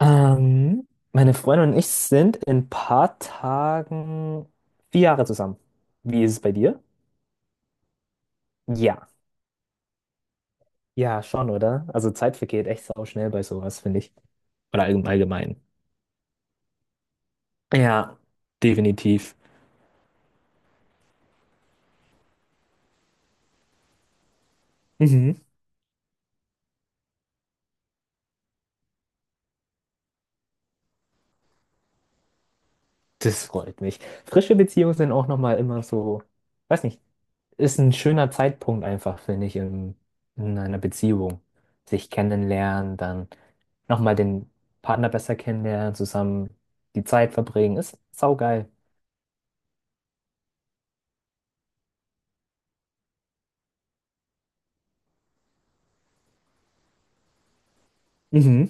Meine Freundin und ich sind in ein paar Tagen 4 Jahre zusammen. Wie ist es bei dir? Ja. Ja, schon, oder? Also Zeit vergeht echt sau schnell bei sowas, finde ich. Oder allgemein. Ja, definitiv. Mhm. Das freut mich. Frische Beziehungen sind auch nochmal immer so, weiß nicht, ist ein schöner Zeitpunkt einfach, finde ich, in einer Beziehung. Sich kennenlernen, dann nochmal den Partner besser kennenlernen, zusammen die Zeit verbringen. Ist saugeil. Mhm,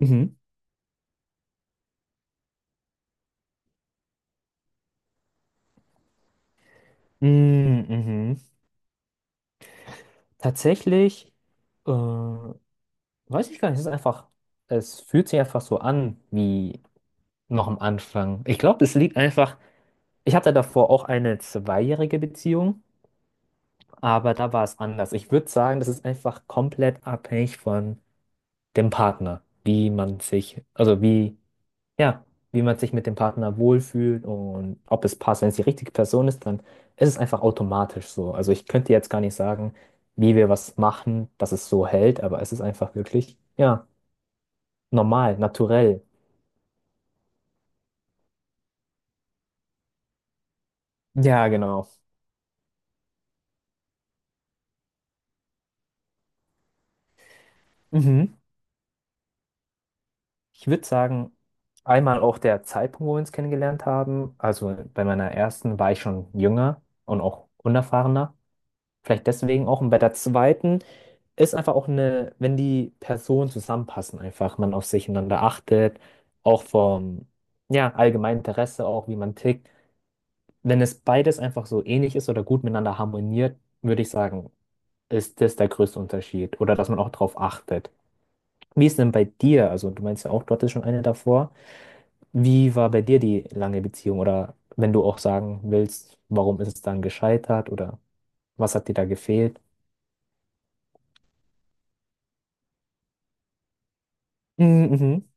mhm. Mm, mhm. Tatsächlich, äh, weiß ich gar nicht, es ist einfach, es fühlt sich einfach so an wie noch am Anfang. Ich glaube, das liegt einfach, ich hatte davor auch eine zweijährige Beziehung, aber da war es anders. Ich würde sagen, das ist einfach komplett abhängig von dem Partner, wie man sich, also wie, ja, wie man sich mit dem Partner wohlfühlt und ob es passt. Wenn es die richtige Person ist, dann ist es einfach automatisch so. Also ich könnte jetzt gar nicht sagen, wie wir was machen, dass es so hält, aber es ist einfach wirklich, ja, normal, naturell. Ja, genau. Mhm. Ich würde sagen, einmal auch der Zeitpunkt, wo wir uns kennengelernt haben. Also bei meiner ersten war ich schon jünger und auch unerfahrener. Vielleicht deswegen auch. Und bei der zweiten ist einfach auch eine, wenn die Personen zusammenpassen, einfach man auf sich einander achtet, auch vom, ja, allgemeinen Interesse, auch wie man tickt. Wenn es beides einfach so ähnlich ist oder gut miteinander harmoniert, würde ich sagen, ist das der größte Unterschied oder dass man auch drauf achtet. Wie ist denn bei dir? Also, du meinst ja auch, du hattest schon eine davor. Wie war bei dir die lange Beziehung? Oder wenn du auch sagen willst, warum ist es dann gescheitert oder was hat dir da gefehlt? Mhm, mhm.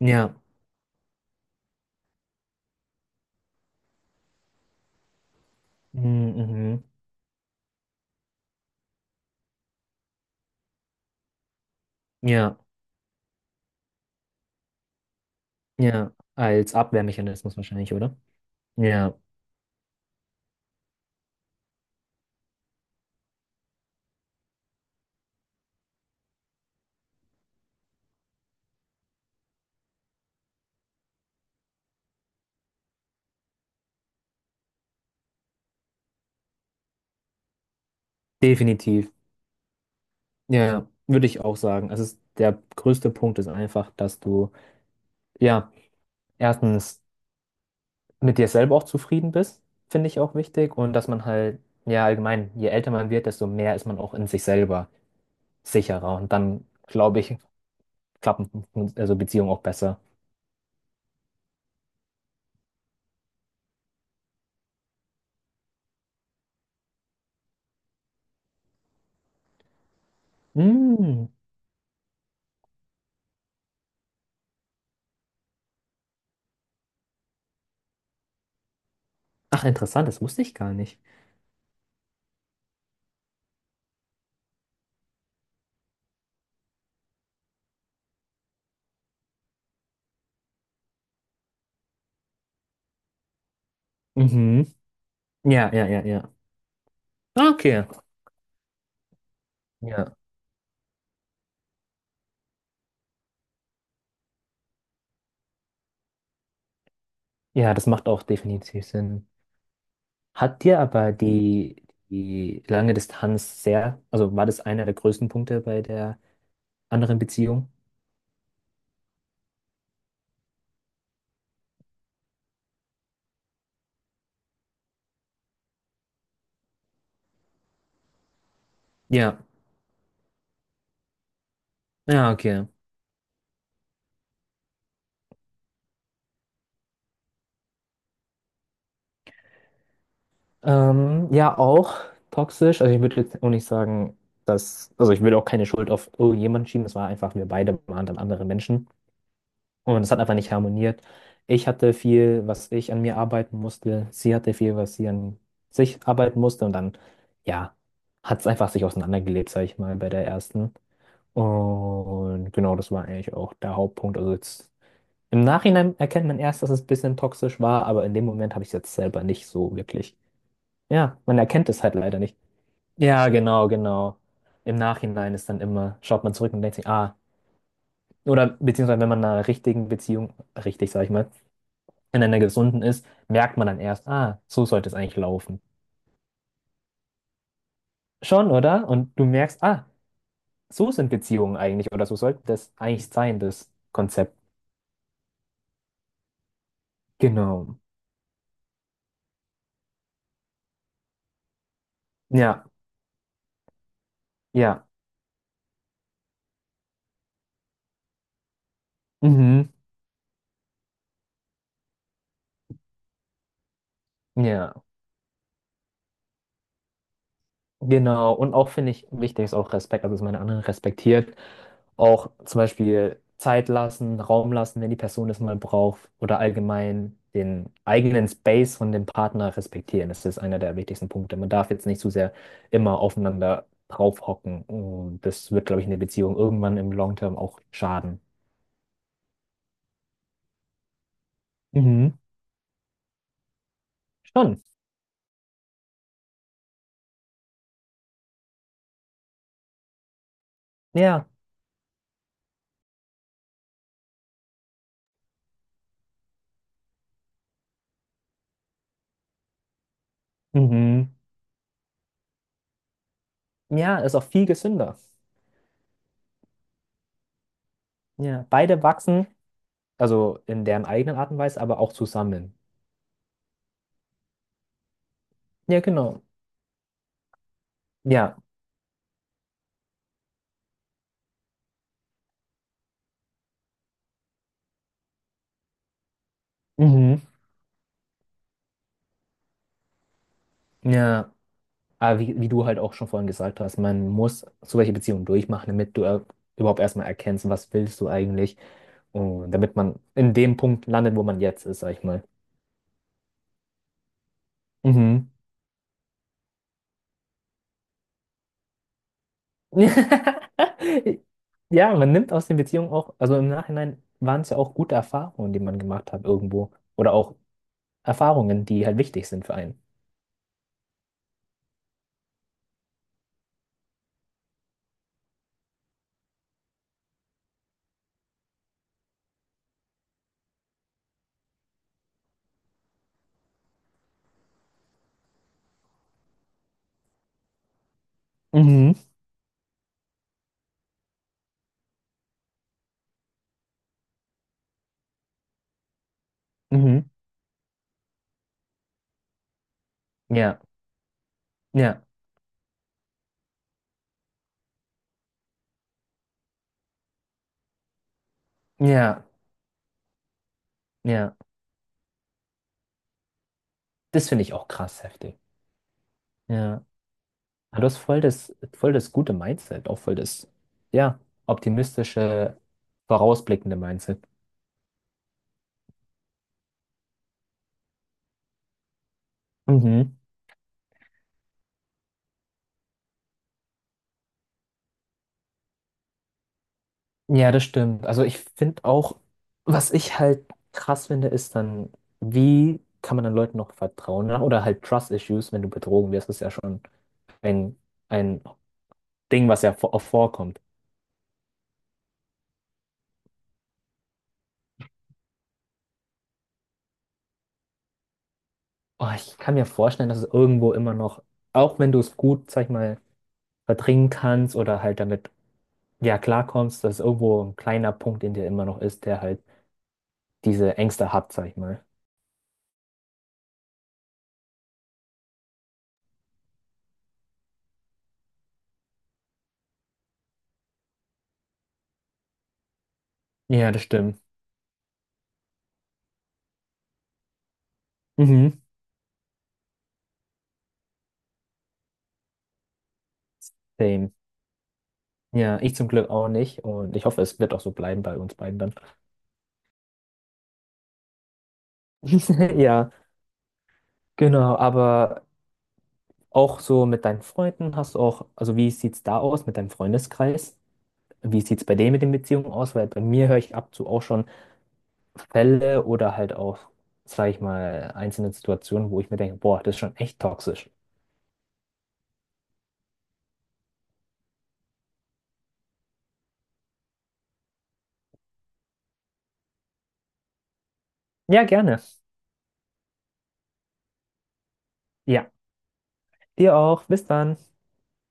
Ja. Mhm, mhm. Ja, ja. Als Abwehrmechanismus wahrscheinlich, oder? Ja, definitiv. Ja, würde ich auch sagen. Also der größte Punkt ist einfach, dass du, ja, erstens mit dir selber auch zufrieden bist, finde ich auch wichtig. Und dass man halt, ja, allgemein, je älter man wird, desto mehr ist man auch in sich selber sicherer. Und dann, glaube ich, klappen also Beziehungen auch besser. Mhm. Ach, interessant, das wusste ich gar nicht. Mhm. Ja, ja, ja, ja. Ah, okay. Ja. Ja, das macht auch definitiv Sinn. Hat dir aber die lange Distanz sehr, also war das einer der größten Punkte bei der anderen Beziehung? Ja, ja, okay. Ja, auch toxisch. Also ich würde jetzt auch nicht sagen, dass, also ich würde auch keine Schuld auf irgendjemanden schieben. Es war einfach, wir beide waren dann andere Menschen. Und es hat einfach nicht harmoniert. Ich hatte viel, was ich an mir arbeiten musste. Sie hatte viel, was sie an sich arbeiten musste. Und dann, ja, hat es einfach sich auseinandergelebt, sag ich mal, bei der ersten. Und genau, das war eigentlich auch der Hauptpunkt. Also jetzt im Nachhinein erkennt man erst, dass es ein bisschen toxisch war, aber in dem Moment habe ich es jetzt selber nicht so wirklich. Ja, man erkennt es halt leider nicht. Ja, genau, genau. Im Nachhinein ist dann immer, schaut man zurück und denkt sich, ah, oder beziehungsweise wenn man in einer richtigen Beziehung, richtig, sag ich mal, in einer gesunden ist, merkt man dann erst, ah, so sollte es eigentlich laufen. Schon, oder? Und du merkst, ah, so sind Beziehungen eigentlich oder so sollte das eigentlich sein, das Konzept. Genau. Ja, ja. Mhm. Ja. Genau, und auch finde ich wichtig ist auch Respekt, also dass man den anderen respektiert. Auch zum Beispiel Zeit lassen, Raum lassen, wenn die Person das mal braucht oder allgemein den eigenen Space von dem Partner respektieren. Das ist einer der wichtigsten Punkte. Man darf jetzt nicht zu sehr immer aufeinander draufhocken. Und das wird, glaube ich, in der Beziehung irgendwann im Long Term auch schaden. Mhm. Schon. Ja. Mhm. Ja, ist auch viel gesünder. Ja, beide wachsen, also in deren eigenen Art und Weise, aber auch zusammen. Ja, genau. Ja, mhm. Ja, aber wie du halt auch schon vorhin gesagt hast, man muss so welche Beziehungen durchmachen, damit du überhaupt erstmal erkennst, was willst du eigentlich, und damit man in dem Punkt landet, wo man jetzt ist, sag ich mal. Mhm. Ja, man nimmt aus den Beziehungen auch, also im Nachhinein waren es ja auch gute Erfahrungen, die man gemacht hat irgendwo, oder auch Erfahrungen, die halt wichtig sind für einen. Mhm. Mhm. Ja, ja, ja, ja. Das finde ich auch krass heftig. Ja. Aber du hast voll das gute Mindset, auch voll das, ja, optimistische, vorausblickende Mindset. Mhm. Ja, das stimmt. Also ich finde auch, was ich halt krass finde, ist dann, wie kann man dann Leuten noch vertrauen, ne? Oder halt Trust Issues, wenn du betrogen wirst, ist ja schon ein, ein Ding, was ja auch vorkommt. Oh, ich kann mir vorstellen, dass es irgendwo immer noch, auch wenn du es gut, sag ich mal, verdrängen kannst oder halt damit, ja, klarkommst, dass irgendwo ein kleiner Punkt in dir immer noch ist, der halt diese Ängste hat, sag ich mal. Ja, das stimmt. Mhm. Same. Ja, ich zum Glück auch nicht und ich hoffe, es wird auch so bleiben bei uns beiden dann. Ja, genau, aber auch so mit deinen Freunden hast du auch, also wie sieht's da aus mit deinem Freundeskreis? Wie sieht's bei denen mit den Beziehungen aus? Weil bei mir höre ich ab und zu auch schon Fälle oder halt auch, sag ich mal, einzelne Situationen, wo ich mir denke, boah, das ist schon echt toxisch. Ja, gerne. Ja, dir auch. Bis dann.